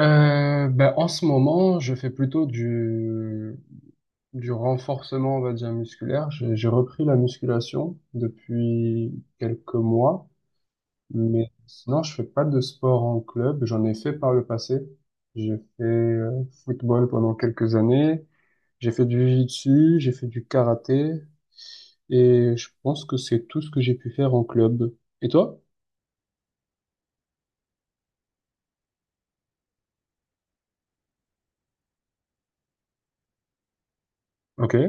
Ben, en ce moment, je fais plutôt du renforcement, on va dire, musculaire. J'ai repris la musculation depuis quelques mois, mais sinon, je fais pas de sport en club. J'en ai fait par le passé. J'ai fait football pendant quelques années. J'ai fait du jiu-jitsu, j'ai fait du karaté, et je pense que c'est tout ce que j'ai pu faire en club. Et toi? Ok.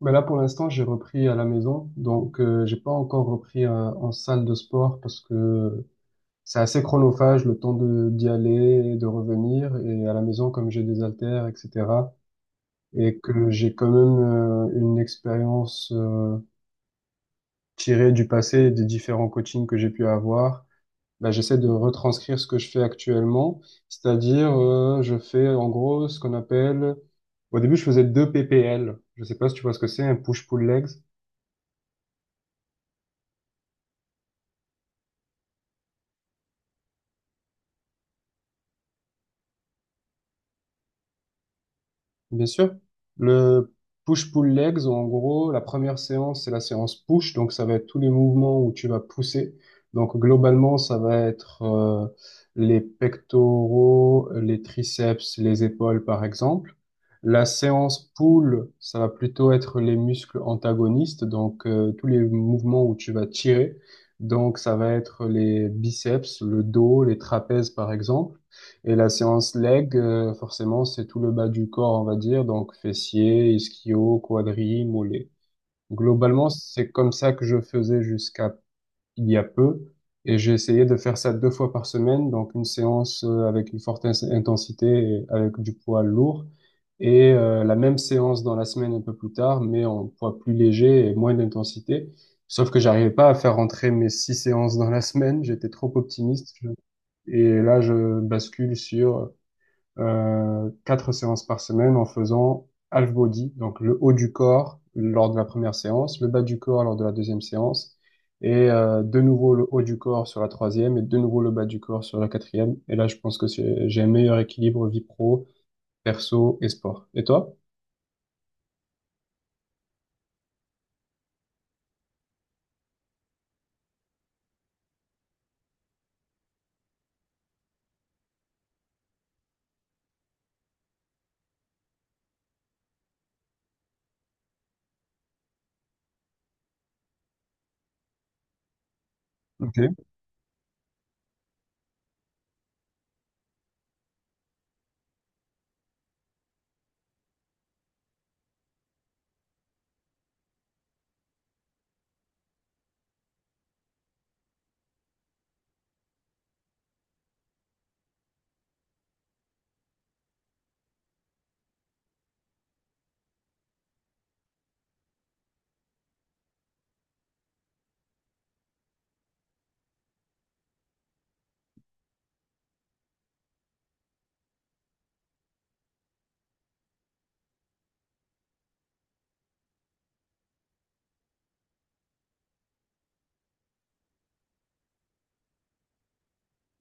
Mais là, pour l'instant, j'ai repris à la maison, donc j'ai pas encore repris en salle de sport parce que c'est assez chronophage le temps de d'y aller, et de revenir, et à la maison, comme j'ai des haltères, etc., et que j'ai quand même une expérience tirée du passé et des différents coachings que j'ai pu avoir, bah, j'essaie de retranscrire ce que je fais actuellement, c'est-à-dire je fais en gros ce qu'on appelle, au début, je faisais deux PPL, je sais pas si tu vois ce que c'est, un push-pull legs. Bien sûr. Le push-pull legs, en gros, la première séance, c'est la séance push. Donc, ça va être tous les mouvements où tu vas pousser. Donc, globalement, ça va être les pectoraux, les triceps, les épaules, par exemple. La séance pull, ça va plutôt être les muscles antagonistes. Donc, tous les mouvements où tu vas tirer. Donc, ça va être les biceps, le dos, les trapèzes, par exemple. Et la séance leg, forcément, c'est tout le bas du corps, on va dire, donc fessiers, ischio, quadri, mollets. Globalement, c'est comme ça que je faisais jusqu'à il y a peu, et j'ai essayé de faire ça deux fois par semaine, donc une séance avec une forte intensité, et avec du poids lourd, et la même séance dans la semaine un peu plus tard, mais en poids plus léger et moins d'intensité. Sauf que j'arrivais pas à faire rentrer mes six séances dans la semaine, j'étais trop optimiste, et là, je bascule sur quatre séances par semaine en faisant half body, donc le haut du corps lors de la première séance, le bas du corps lors de la deuxième séance, et de nouveau le haut du corps sur la troisième, et de nouveau le bas du corps sur la quatrième. Et là, je pense que j'ai un meilleur équilibre vie pro, perso et sport. Et toi? Ok.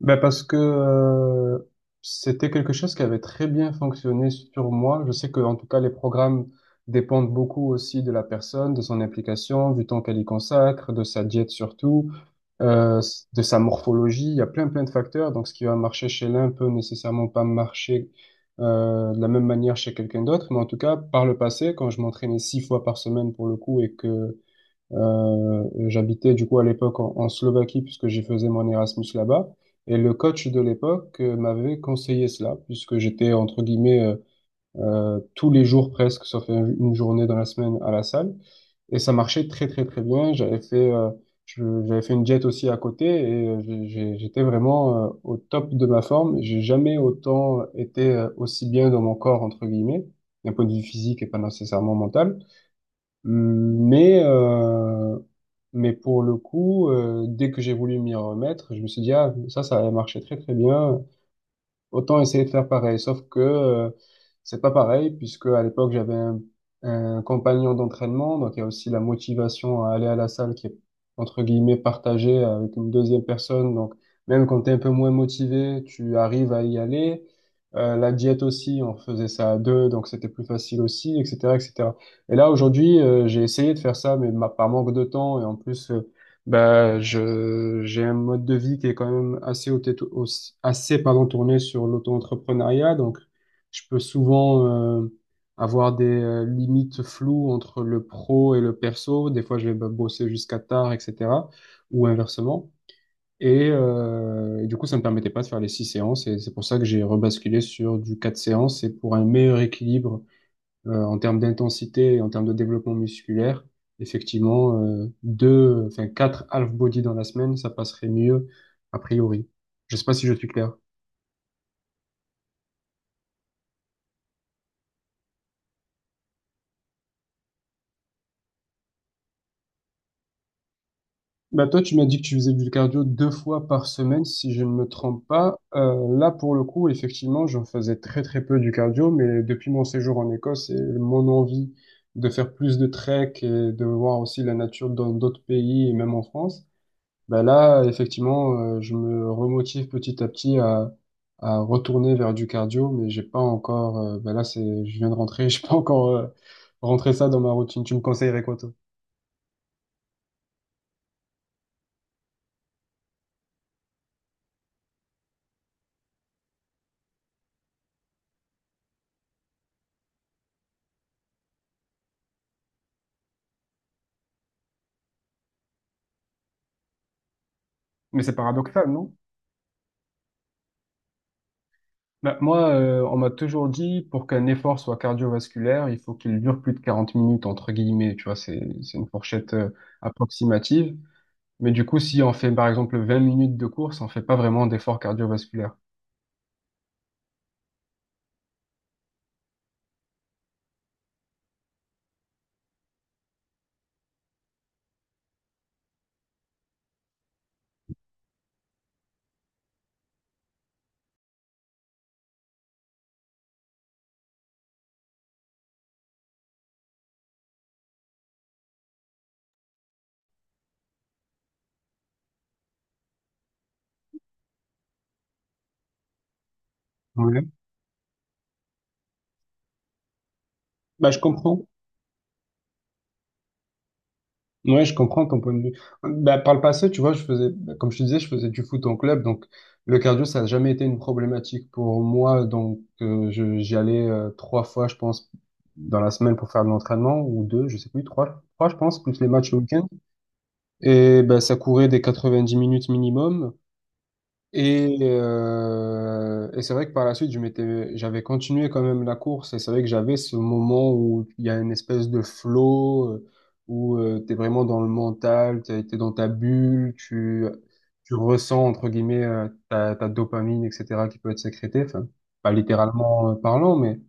Ben parce que c'était quelque chose qui avait très bien fonctionné sur moi. Je sais que en tout cas les programmes dépendent beaucoup aussi de la personne, de son implication, du temps qu'elle y consacre, de sa diète surtout, de sa morphologie. Il y a plein plein de facteurs. Donc ce qui va marcher chez l'un peut nécessairement pas marcher de la même manière chez quelqu'un d'autre. Mais en tout cas par le passé, quand je m'entraînais six fois par semaine pour le coup et que j'habitais du coup à l'époque en Slovaquie puisque j'y faisais mon Erasmus là-bas. Et le coach de l'époque m'avait conseillé cela puisque j'étais entre guillemets tous les jours presque, sauf une journée dans la semaine à la salle. Et ça marchait très très très bien. J'avais fait, j'avais fait une diète aussi à côté et j'étais vraiment au top de ma forme. J'ai jamais autant été aussi bien dans mon corps entre guillemets, d'un point de vue physique et pas nécessairement mental. Mais, euh, mais pour le coup, dès que j'ai voulu m'y remettre, je me suis dit, ah, ça avait marché très très bien. Autant essayer de faire pareil, sauf que c'est pas pareil, puisque à l'époque j'avais un compagnon d'entraînement, donc il y a aussi la motivation à aller à la salle qui est entre guillemets partagée avec une deuxième personne. Donc même quand tu es un peu moins motivé, tu arrives à y aller. La diète aussi, on faisait ça à deux, donc c'était plus facile aussi, etc., etc. Et cetera. Et là aujourd'hui, j'ai essayé de faire ça, mais par manque de temps et en plus bah, j'ai un mode de vie qui est quand même assez, au- assez pardon, tourné sur l'auto-entrepreneuriat. Donc, je peux souvent euh, avoir des limites floues entre le pro et le perso. Des fois, je vais bah, bosser jusqu'à tard, etc. Ou inversement. Et du coup, ça ne me permettait pas de faire les six séances. Et c'est pour ça que j'ai rebasculé sur du quatre séances. Et pour un meilleur équilibre en termes d'intensité, et en termes de développement musculaire, effectivement, deux, enfin quatre half body dans la semaine, ça passerait mieux a priori. Je sais pas si je suis clair. Bah toi, tu m'as dit que tu faisais du cardio deux fois par semaine, si je ne me trompe pas. Là, pour le coup, effectivement, j'en faisais très très peu du cardio, mais depuis mon séjour en Écosse et mon envie de faire plus de trek et de voir aussi la nature dans d'autres pays et même en France, ben là, effectivement, je me remotive petit à petit à retourner vers du cardio, mais j'ai pas encore. Ben là, c'est, je viens de rentrer, j'ai pas encore rentré ça dans ma routine. Tu me conseillerais quoi, toi? Mais c'est paradoxal, non? Ben, moi, on m'a toujours dit pour qu'un effort soit cardiovasculaire, il faut qu'il dure plus de 40 minutes entre guillemets. Tu vois, c'est une fourchette approximative. Mais du coup, si on fait par exemple 20 minutes de course, on fait pas vraiment d'effort cardiovasculaire. Ouais. Bah, je comprends. Ouais, je comprends ton point de vue. Bah, par le passé, tu vois, je faisais, bah, comme je te disais, je faisais du foot en club, donc le cardio, ça n'a jamais été une problématique pour moi. Donc, j'y allais trois fois, je pense, dans la semaine pour faire de l'entraînement, ou deux, je sais plus, trois, trois, je pense, plus les matchs le week-end. Et bah, ça courait des 90 minutes minimum. Et c'est vrai que par la suite, je m'étais, j'avais continué quand même la course. Et c'est vrai que j'avais ce moment où il y a une espèce de flow, où tu t'es vraiment dans le mental, t'es dans ta bulle, tu ressens, entre guillemets, ta dopamine, etc., qui peut être sécrétée. Enfin, pas littéralement parlant,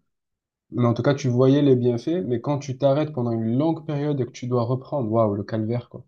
mais en tout cas, tu voyais les bienfaits. Mais quand tu t'arrêtes pendant une longue période et que tu dois reprendre, waouh, le calvaire, quoi.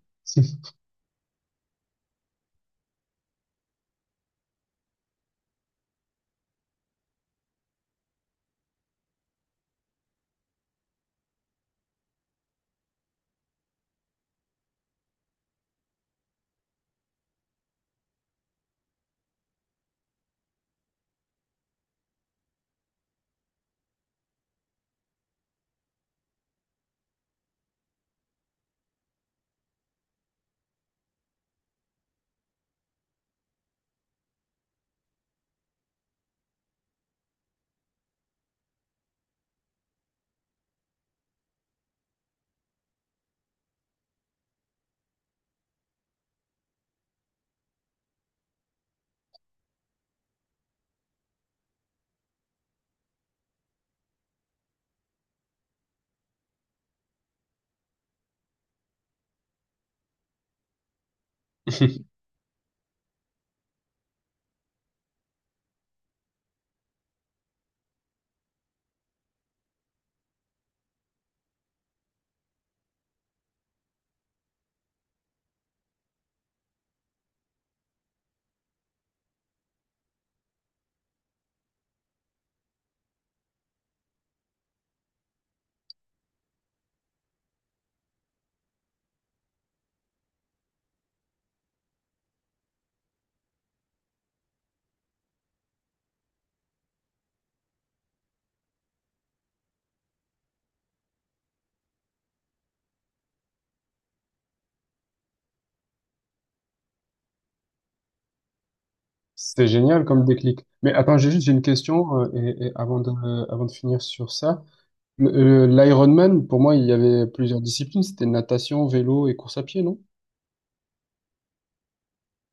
C'était génial comme déclic. Mais attends, j'ai juste j'ai une question et avant de finir sur ça. L'Ironman pour moi il y avait plusieurs disciplines, c'était natation, vélo et course à pied, non?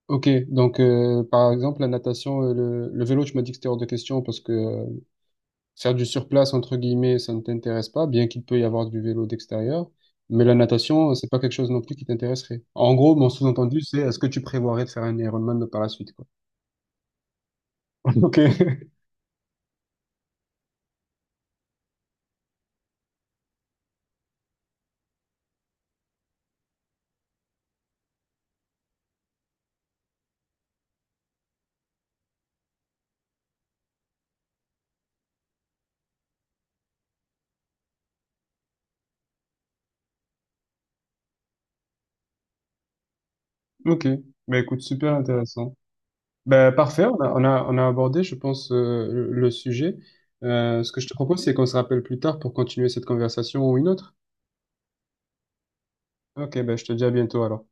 Ok, donc par exemple la natation, le vélo, tu m'as dit que c'était hors de question parce que faire du surplace entre guillemets, ça ne t'intéresse pas, bien qu'il peut y avoir du vélo d'extérieur, mais la natation, c'est pas quelque chose non plus qui t'intéresserait. En gros, mon sous-entendu, c'est est-ce que tu prévoirais de faire un Ironman par la suite, quoi. Ok, ok, mais écoute, super intéressant. Ben, parfait, on a abordé, je pense, le sujet. Ce que je te propose, c'est qu'on se rappelle plus tard pour continuer cette conversation ou une autre. Ok, ben, je te dis à bientôt alors.